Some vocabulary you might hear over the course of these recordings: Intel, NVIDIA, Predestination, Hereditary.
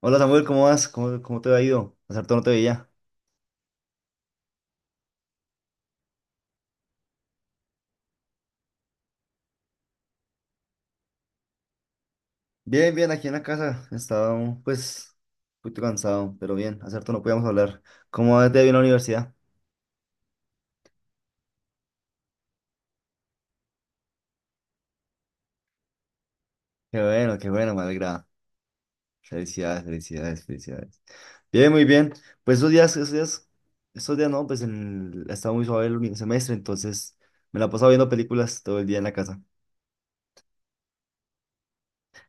Hola Samuel, ¿cómo vas? ¿Cómo te ha ido? Hace harto no te veía. Bien, bien, aquí en la casa. Estaba pues un poquito cansado, pero bien, hace harto no podíamos hablar. ¿Cómo te ha ido en la universidad? Qué bueno, me alegra. Felicidades, felicidades, felicidades. Bien, muy bien. Pues esos días no, estaba muy suave el último semestre, entonces me la he pasado viendo películas todo el día en la casa.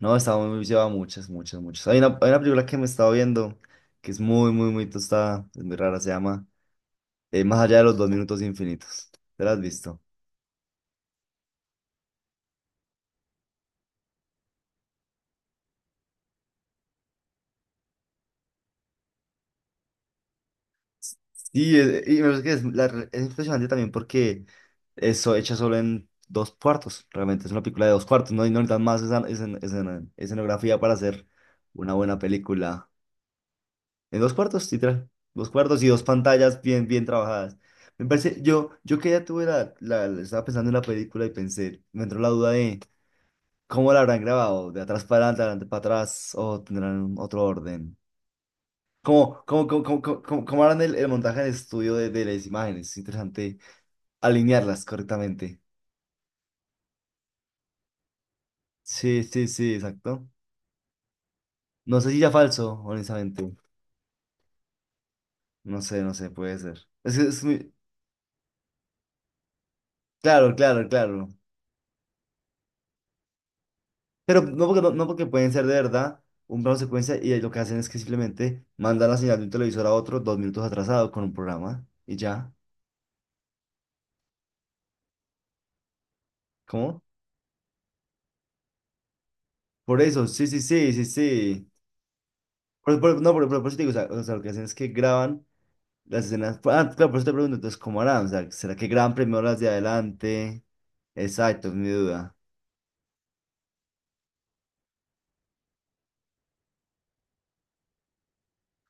No, estaba muy, llevaba muchas, muchas, muchas. Hay una película que me estaba viendo que es muy, muy, muy tostada, es muy rara, se llama, más allá de los dos minutos infinitos. ¿Te la has visto? Sí, y me parece que es, es impresionante también porque eso hecha solo en dos cuartos. Realmente es una película de dos cuartos. No, y no necesitan más escenografía para hacer una buena película. En dos cuartos, literal. Dos cuartos y dos pantallas bien, bien trabajadas. Me parece, yo que ya tuve estaba pensando en la película y pensé, me entró la duda de cómo la habrán grabado, de atrás para adelante, de adelante para atrás, o tendrán otro orden. Como como como como como como cómo harán el montaje en el estudio de las imágenes. Es interesante alinearlas correctamente. Sí, sí, sí, exacto. No sé si ya falso, honestamente. No sé, no sé, puede ser. Es, que es muy… Claro, claro, claro. Pero no porque pueden ser de verdad un plano secuencia, y lo que hacen es que simplemente mandan la señal de un televisor a otro dos minutos atrasado con un programa y ya. ¿Cómo? Por eso, sí, sí, sí, sí, sí. Por- no, por eso te digo, o sea, lo que hacen es que graban las escenas. Pues, ah, claro, por eso te pregunto, entonces, ¿cómo harán? O sea, ¿será que graban primero las de adelante? Exacto, es mi duda.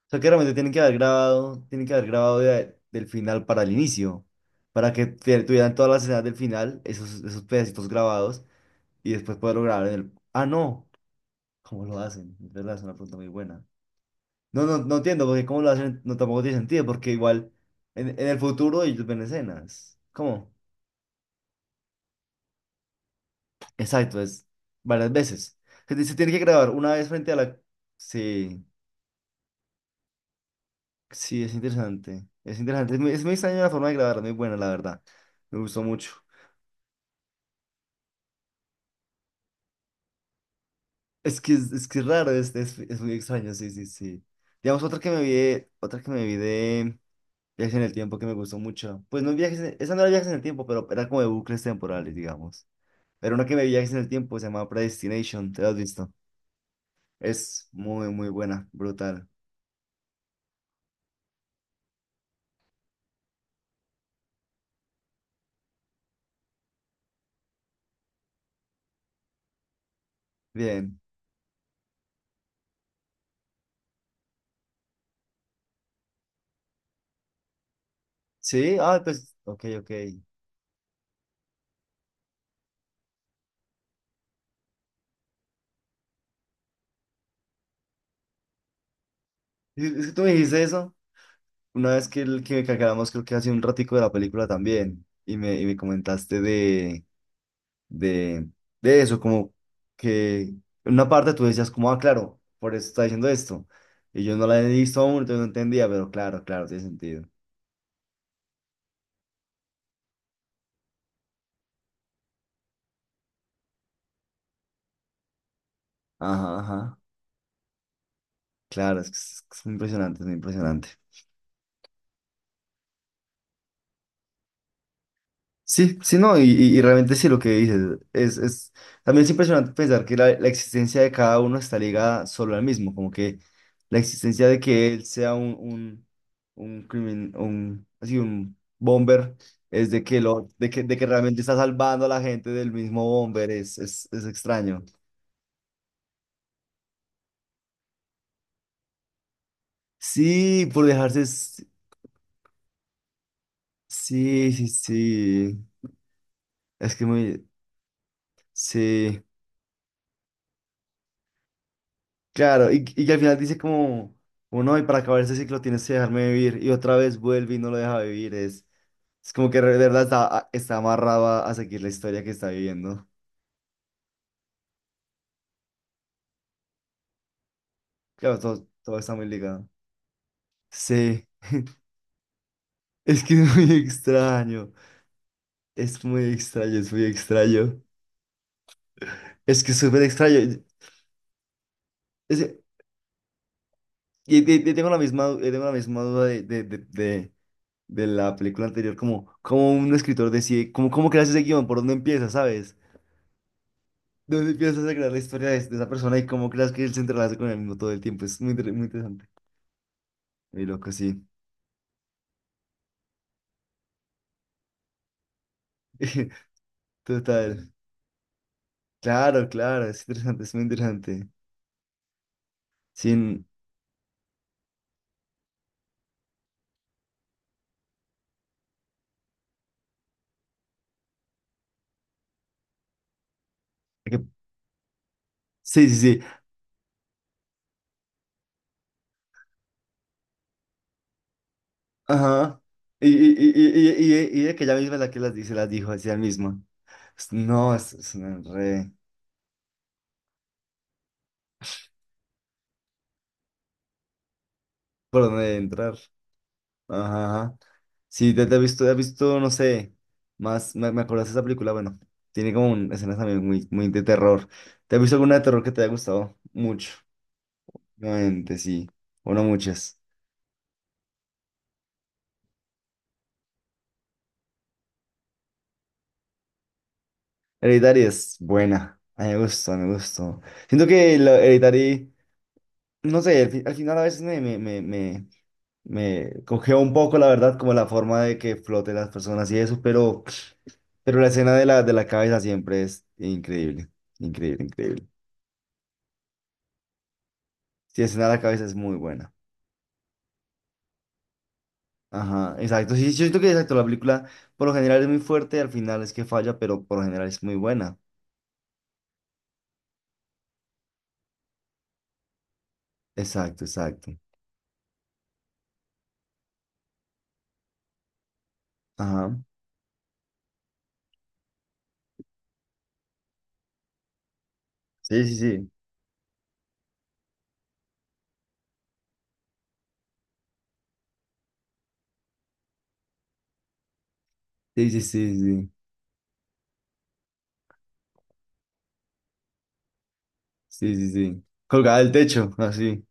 O sea, que realmente tienen que haber grabado, del final para el inicio, para que tuvieran todas las escenas del final, esos pedacitos grabados, y después poderlo grabar en el… Ah, no, ¿cómo lo hacen? Es verdad, es una pregunta muy buena. No, no, no entiendo, porque ¿cómo lo hacen? No, tampoco tiene sentido, porque igual en el futuro ellos ven escenas. ¿Cómo? Exacto, es varias veces. Se tiene que grabar una vez frente a la… Sí, sí, es interesante. Es interesante. Es muy extraña la forma de grabar, muy buena, la verdad. Me gustó mucho. Es que es raro, es muy extraño, sí, sí, sí. Digamos, otra que me vi de Viajes en el Tiempo que me gustó mucho. Pues no viajes, esa no era Viajes en el Tiempo, pero era como de bucles temporales, digamos. Pero una que me vi Viajes en el Tiempo se llama Predestination, ¿te la has visto? Es muy, muy buena, brutal. Bien. Sí, ah, pues, ok, ok. Es que tú me dijiste eso una vez que acabamos, creo que hace un ratico de la película también, y me, comentaste de, de eso, como que en una parte tú decías como, ah, claro, por eso está diciendo esto, y yo no la he visto aún, entonces no entendía, pero claro, claro, tiene sentido. Ajá, ajá, claro, es muy impresionante, es muy impresionante. Sí, sí, no, y realmente sí lo que dices, es, es, también es impresionante pensar que la existencia de cada uno está ligada solo al mismo, como que la existencia de que él sea un, crimin- un, así, un bomber, es de que, lo, de que realmente está salvando a la gente del mismo bomber, es extraño. Sí, por dejarse, sí, sí, sí, es que muy, sí. Claro, y que al final dice como, uno, y para acabar este ciclo tienes que dejarme vivir, y otra vez vuelve y no lo deja vivir, es, como que de verdad está amarrado a seguir la historia que está viviendo. Claro, todo, todo está muy ligado. Sí, es que es muy extraño, es muy extraño, es muy extraño, es que es súper extraño. Es- tengo la misma, tengo la misma duda de, de la película anterior, como, como un escritor decide, como, cómo creas ese guión, por dónde empieza, ¿sabes? ¿Dónde empiezas a crear la historia de esa persona y cómo creas que él se entrelaza con el mismo todo el tiempo? Es muy, muy interesante. Muy loco, sí. Total. Claro, claro, es interesante, es muy interesante. Sin… que- Sí, sí, sí. Ajá. Y de que ella misma es la que las dice, las dijo así ella misma. No, es una re… ¿Por dónde entrar? Ajá, ajá. Sí, te he visto, no sé, más, me acuerdas de esa película, bueno, tiene como escenas también muy, muy de terror. ¿Te has visto alguna de terror que te haya gustado? Mucho, obviamente, sí, o no muchas. Hereditary es buena, a mí me gustó, me gustó. Siento que la Hereditary, no sé, al final a veces me cogió un poco, la verdad, como la forma de que floten las personas y eso, pero, la escena de la cabeza siempre es increíble, increíble, increíble. Sí, escena de la cabeza es muy buena. Ajá, exacto. Sí, yo siento que exacto, la película por lo general es muy fuerte y al final es que falla, pero por lo general es muy buena. Exacto, exacto. Ajá. Sí, sí, sí. Sí, sí, sí, sí. Sí, sí, sí. Colgada del techo, así.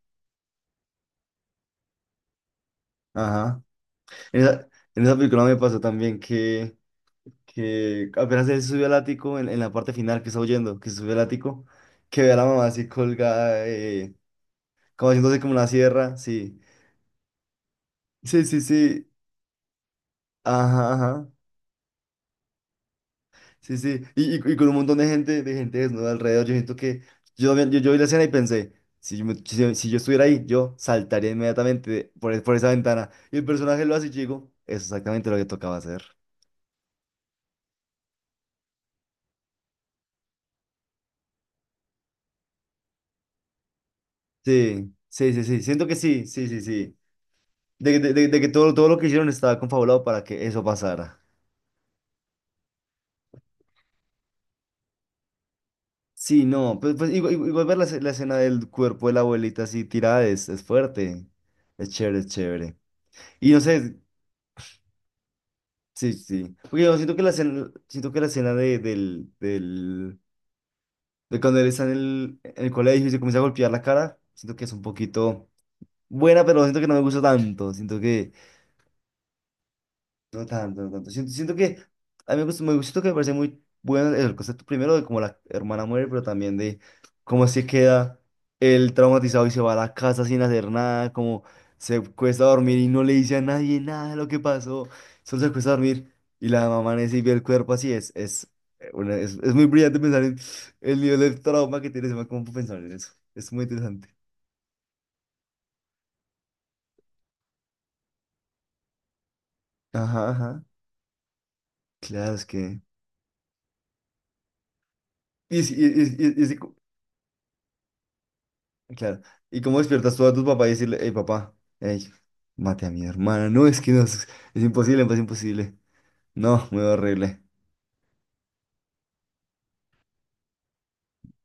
Ajá. En esa, en esa película me pasó también que apenas él subió al ático, en la parte final que está huyendo, que se sube al ático, que ve a la mamá así colgada, como haciéndose como una sierra, sí. Sí, sí, sí. Ajá, ajá. Sí, sí, y con un montón de gente, desnuda alrededor, yo siento que yo vi la escena y pensé, si yo estuviera ahí, yo saltaría inmediatamente por esa ventana. Y el personaje lo hace y yo digo, es exactamente lo que tocaba hacer. Sí, sí, sí, sí, siento que sí, sí, sí, sí. De que todo, todo lo que hicieron estaba confabulado para que eso pasara. Sí, no, pues, igual, ver la escena del cuerpo de la abuelita así tirada es fuerte, es chévere, es chévere. Y no sé, sí, sí. Porque yo siento que la escena de cuando él está en el colegio y se comienza a golpear la cara, siento que es un poquito buena, pero siento que no me gusta tanto. Siento que No tanto, no tanto. Siento que a mí me gusta, me gusta, siento que me parece muy bueno el concepto primero de cómo la hermana muere, pero también de cómo se queda el traumatizado y se va a la casa sin hacer nada, como se cuesta dormir y no le dice a nadie nada de lo que pasó, solo se cuesta dormir y la mamá amanece y ve el cuerpo así, es muy brillante pensar en el nivel de trauma que tiene, se me cómo pensar en eso, es muy interesante. Ajá, ajá, claro, es que… Y, y, claro. ¿Y cómo despiertas tú a tu papá y decirle, hey papá, hey, mate a mi hermana? No, es que no, es imposible, es imposible. No, muy horrible.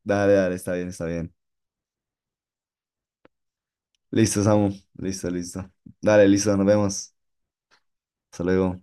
Dale, dale, está bien, está bien. Listo, Samu. Listo, listo. Dale, listo, nos vemos. Hasta luego.